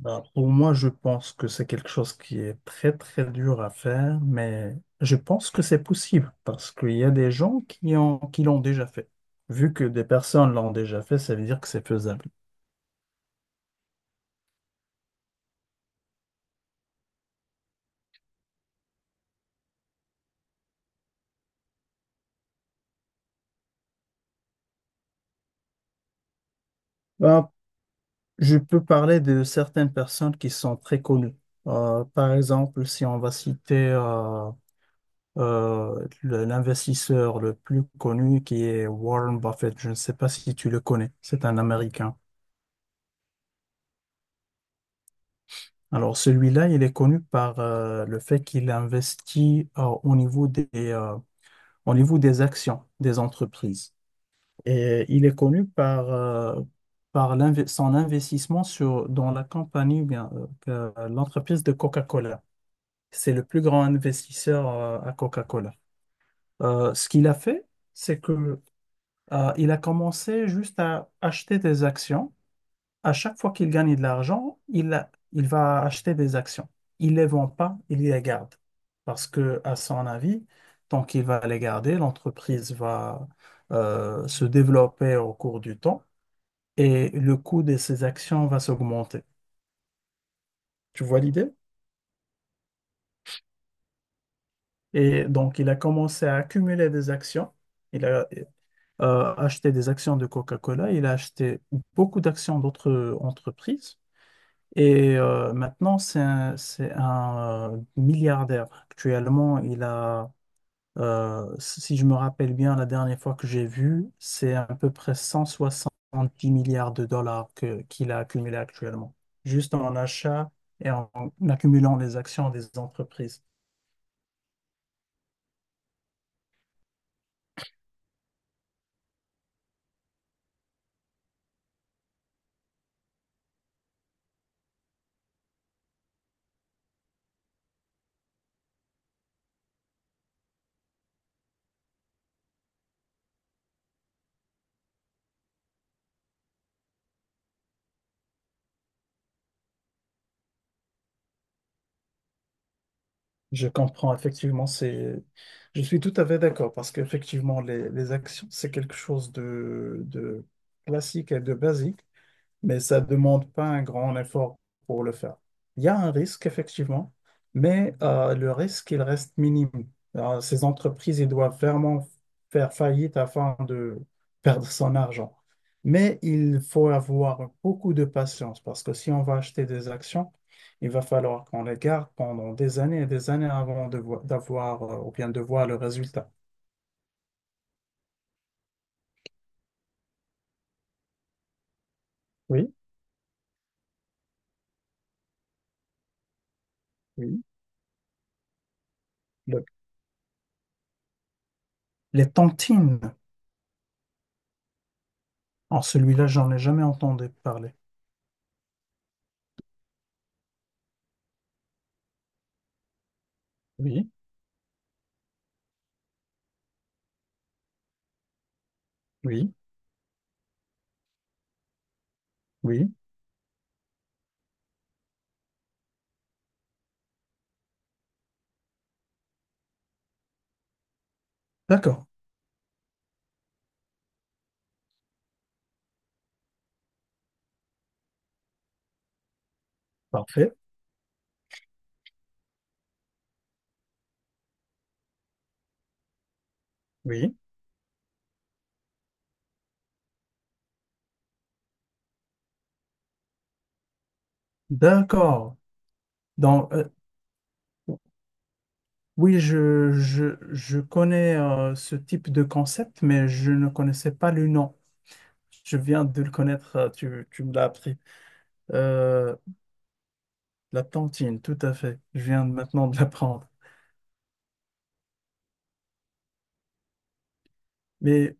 Ben, pour moi, je pense que c'est quelque chose qui est très, très dur à faire, mais je pense que c'est possible parce qu'il y a des gens qui l'ont déjà fait. Vu que des personnes l'ont déjà fait, ça veut dire que c'est faisable. Ben, je peux parler de certaines personnes qui sont très connues. Par exemple, si on va citer l'investisseur le plus connu qui est Warren Buffett, je ne sais pas si tu le connais, c'est un Américain. Alors celui-là, il est connu par le fait qu'il investit au niveau des actions des entreprises. Et il est connu par son investissement dans la compagnie, ou bien, l'entreprise de Coca-Cola. C'est le plus grand investisseur à Coca-Cola. Ce qu'il a fait, c'est que il a commencé juste à acheter des actions à chaque fois qu'il gagne de l'argent, il il va acheter des actions. Il les vend pas, il les garde. Parce que, à son avis, tant qu'il va les garder, l'entreprise va se développer au cours du temps et le coût de ses actions va s'augmenter. Tu vois l'idée? Et donc, il a commencé à accumuler des actions. Il a acheté des actions de Coca-Cola, il a acheté beaucoup d'actions d'autres entreprises. Et maintenant, c'est un milliardaire. Actuellement, il a, si je me rappelle bien, la dernière fois que j'ai vu, c'est à peu près 170 milliards de dollars qu'il a accumulé actuellement, juste en achat et en accumulant les actions des entreprises. Je comprends, effectivement, c'est, je suis tout à fait d'accord parce qu'effectivement, les actions, c'est quelque chose de classique et de basique. Mais ça ne demande pas un grand effort pour le faire. Il y a un risque, effectivement, mais le risque, il reste minime. Alors, ces entreprises, ils doivent vraiment faire faillite afin de perdre son argent. Mais il faut avoir beaucoup de patience parce que si on va acheter des actions, il va falloir qu'on les garde pendant des années et des années avant d'avoir ou bien de voir le résultat. Oui, oui. Le- les tantines, en celui-là, j'en ai jamais entendu parler. Oui, oui. Oui, d'accord, parfait, oui, d'accord. Donc, oui, je connais ce type de concept, mais je ne connaissais pas le nom. Je viens de le connaître, tu me l'as appris. Euh, la tantine, tout à fait, je viens maintenant de l'apprendre. Mais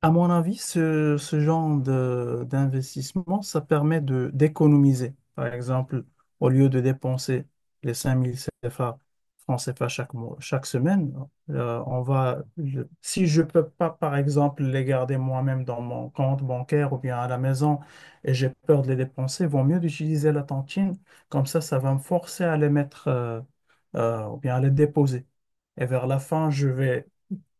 à mon avis, ce genre d'investissement, ça permet de d'économiser. Par exemple, au lieu de dépenser les 5000 CFA, francs CFA chaque mois, chaque semaine, si je peux pas, par exemple, les garder moi-même dans mon compte bancaire ou bien à la maison et j'ai peur de les dépenser, vaut mieux d'utiliser la tontine. Comme ça va me forcer à les mettre ou bien à les déposer. Et vers la fin, je vais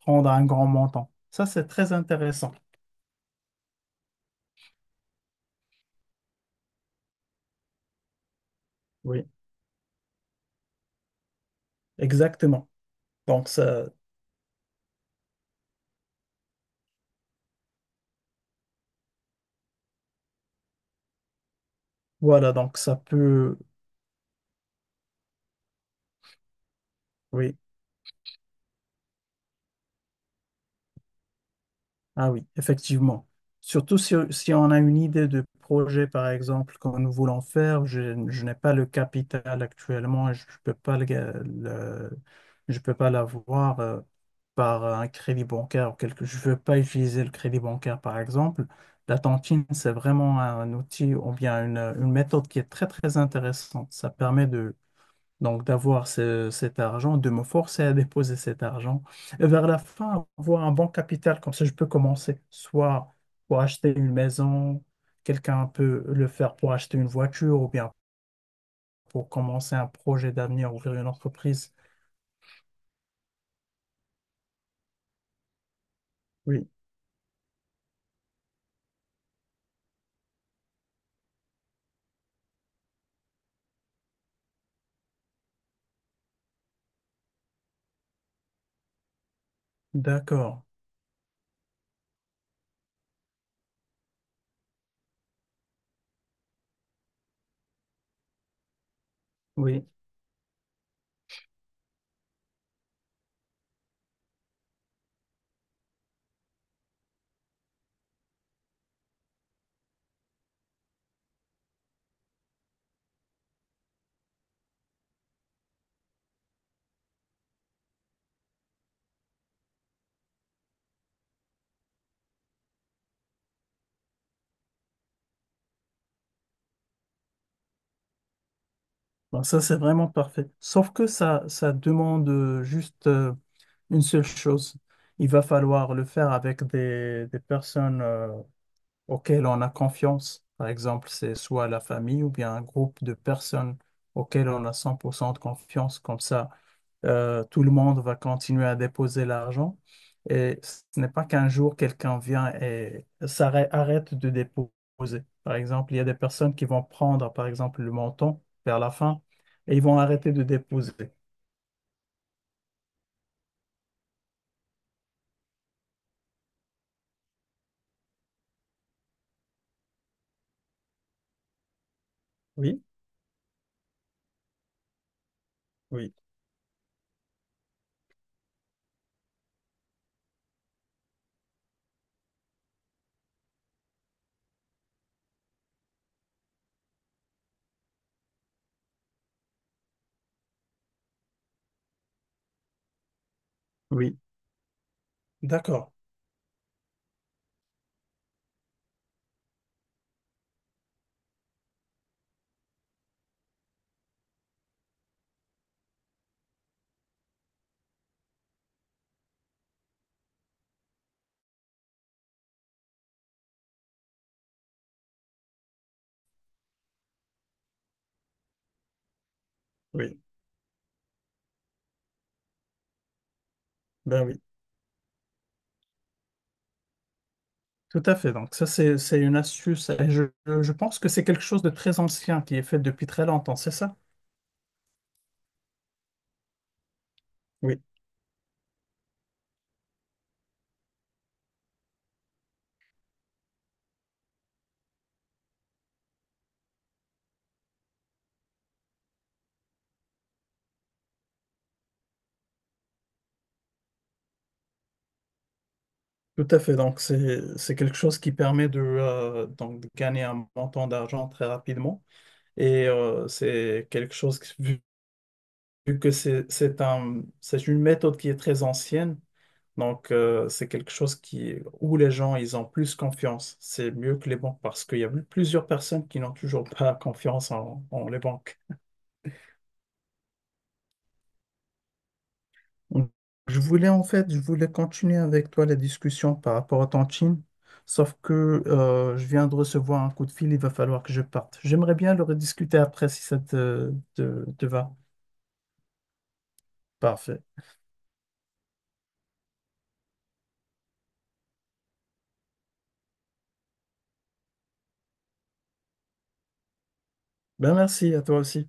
prendre un grand montant. Ça, c'est très intéressant. Oui, exactement. Donc ça, voilà, donc ça peut, oui, ah oui, effectivement. Surtout si, si on a une idée de projet, par exemple, que nous voulons faire, je n'ai pas le capital actuellement et je peux pas le, je peux pas l'avoir par un crédit bancaire ou quelque, je veux pas utiliser le crédit bancaire, par exemple. La tontine, c'est vraiment un outil ou bien une méthode qui est très, très intéressante. Ça permet donc d'avoir cet argent, de me forcer à déposer cet argent. Et vers la fin, avoir un bon capital, comme ça, je peux commencer. Soit pour acheter une maison, quelqu'un peut le faire pour acheter une voiture ou bien pour commencer un projet d'avenir, ouvrir une entreprise. Oui, d'accord. Oui. Donc, ça, c'est vraiment parfait. Sauf que ça demande juste une seule chose. Il va falloir le faire avec des personnes auquel on a confiance. Par exemple, c'est soit la famille ou bien un groupe de personnes auquel on a 100% de confiance. Comme ça, tout le monde va continuer à déposer l'argent. Et ce n'est pas qu'un jour quelqu'un vient et arrête de déposer. Par exemple, il y a des personnes qui vont prendre, par exemple, le montant vers la fin et ils vont arrêter de déposer. Oui, oui. Oui, d'accord. Oui. Ben oui. Tout à fait. Donc ça, c'est une astuce. Et je pense que c'est quelque chose de très ancien qui est fait depuis très longtemps, c'est ça? Oui, tout à fait. Donc c'est quelque chose qui permet de, donc, de gagner un montant d'argent très rapidement. Et c'est quelque chose vu, vu que c'est une méthode qui est très ancienne, donc c'est quelque chose qui, où les gens, ils ont plus confiance. C'est mieux que les banques parce qu'il y a plusieurs personnes qui n'ont toujours pas confiance en les banques. Je voulais en fait, je voulais continuer avec toi la discussion par rapport à ton team, sauf que je viens de recevoir un coup de fil, il va falloir que je parte. J'aimerais bien le rediscuter après si ça te va. Parfait. Ben merci à toi aussi.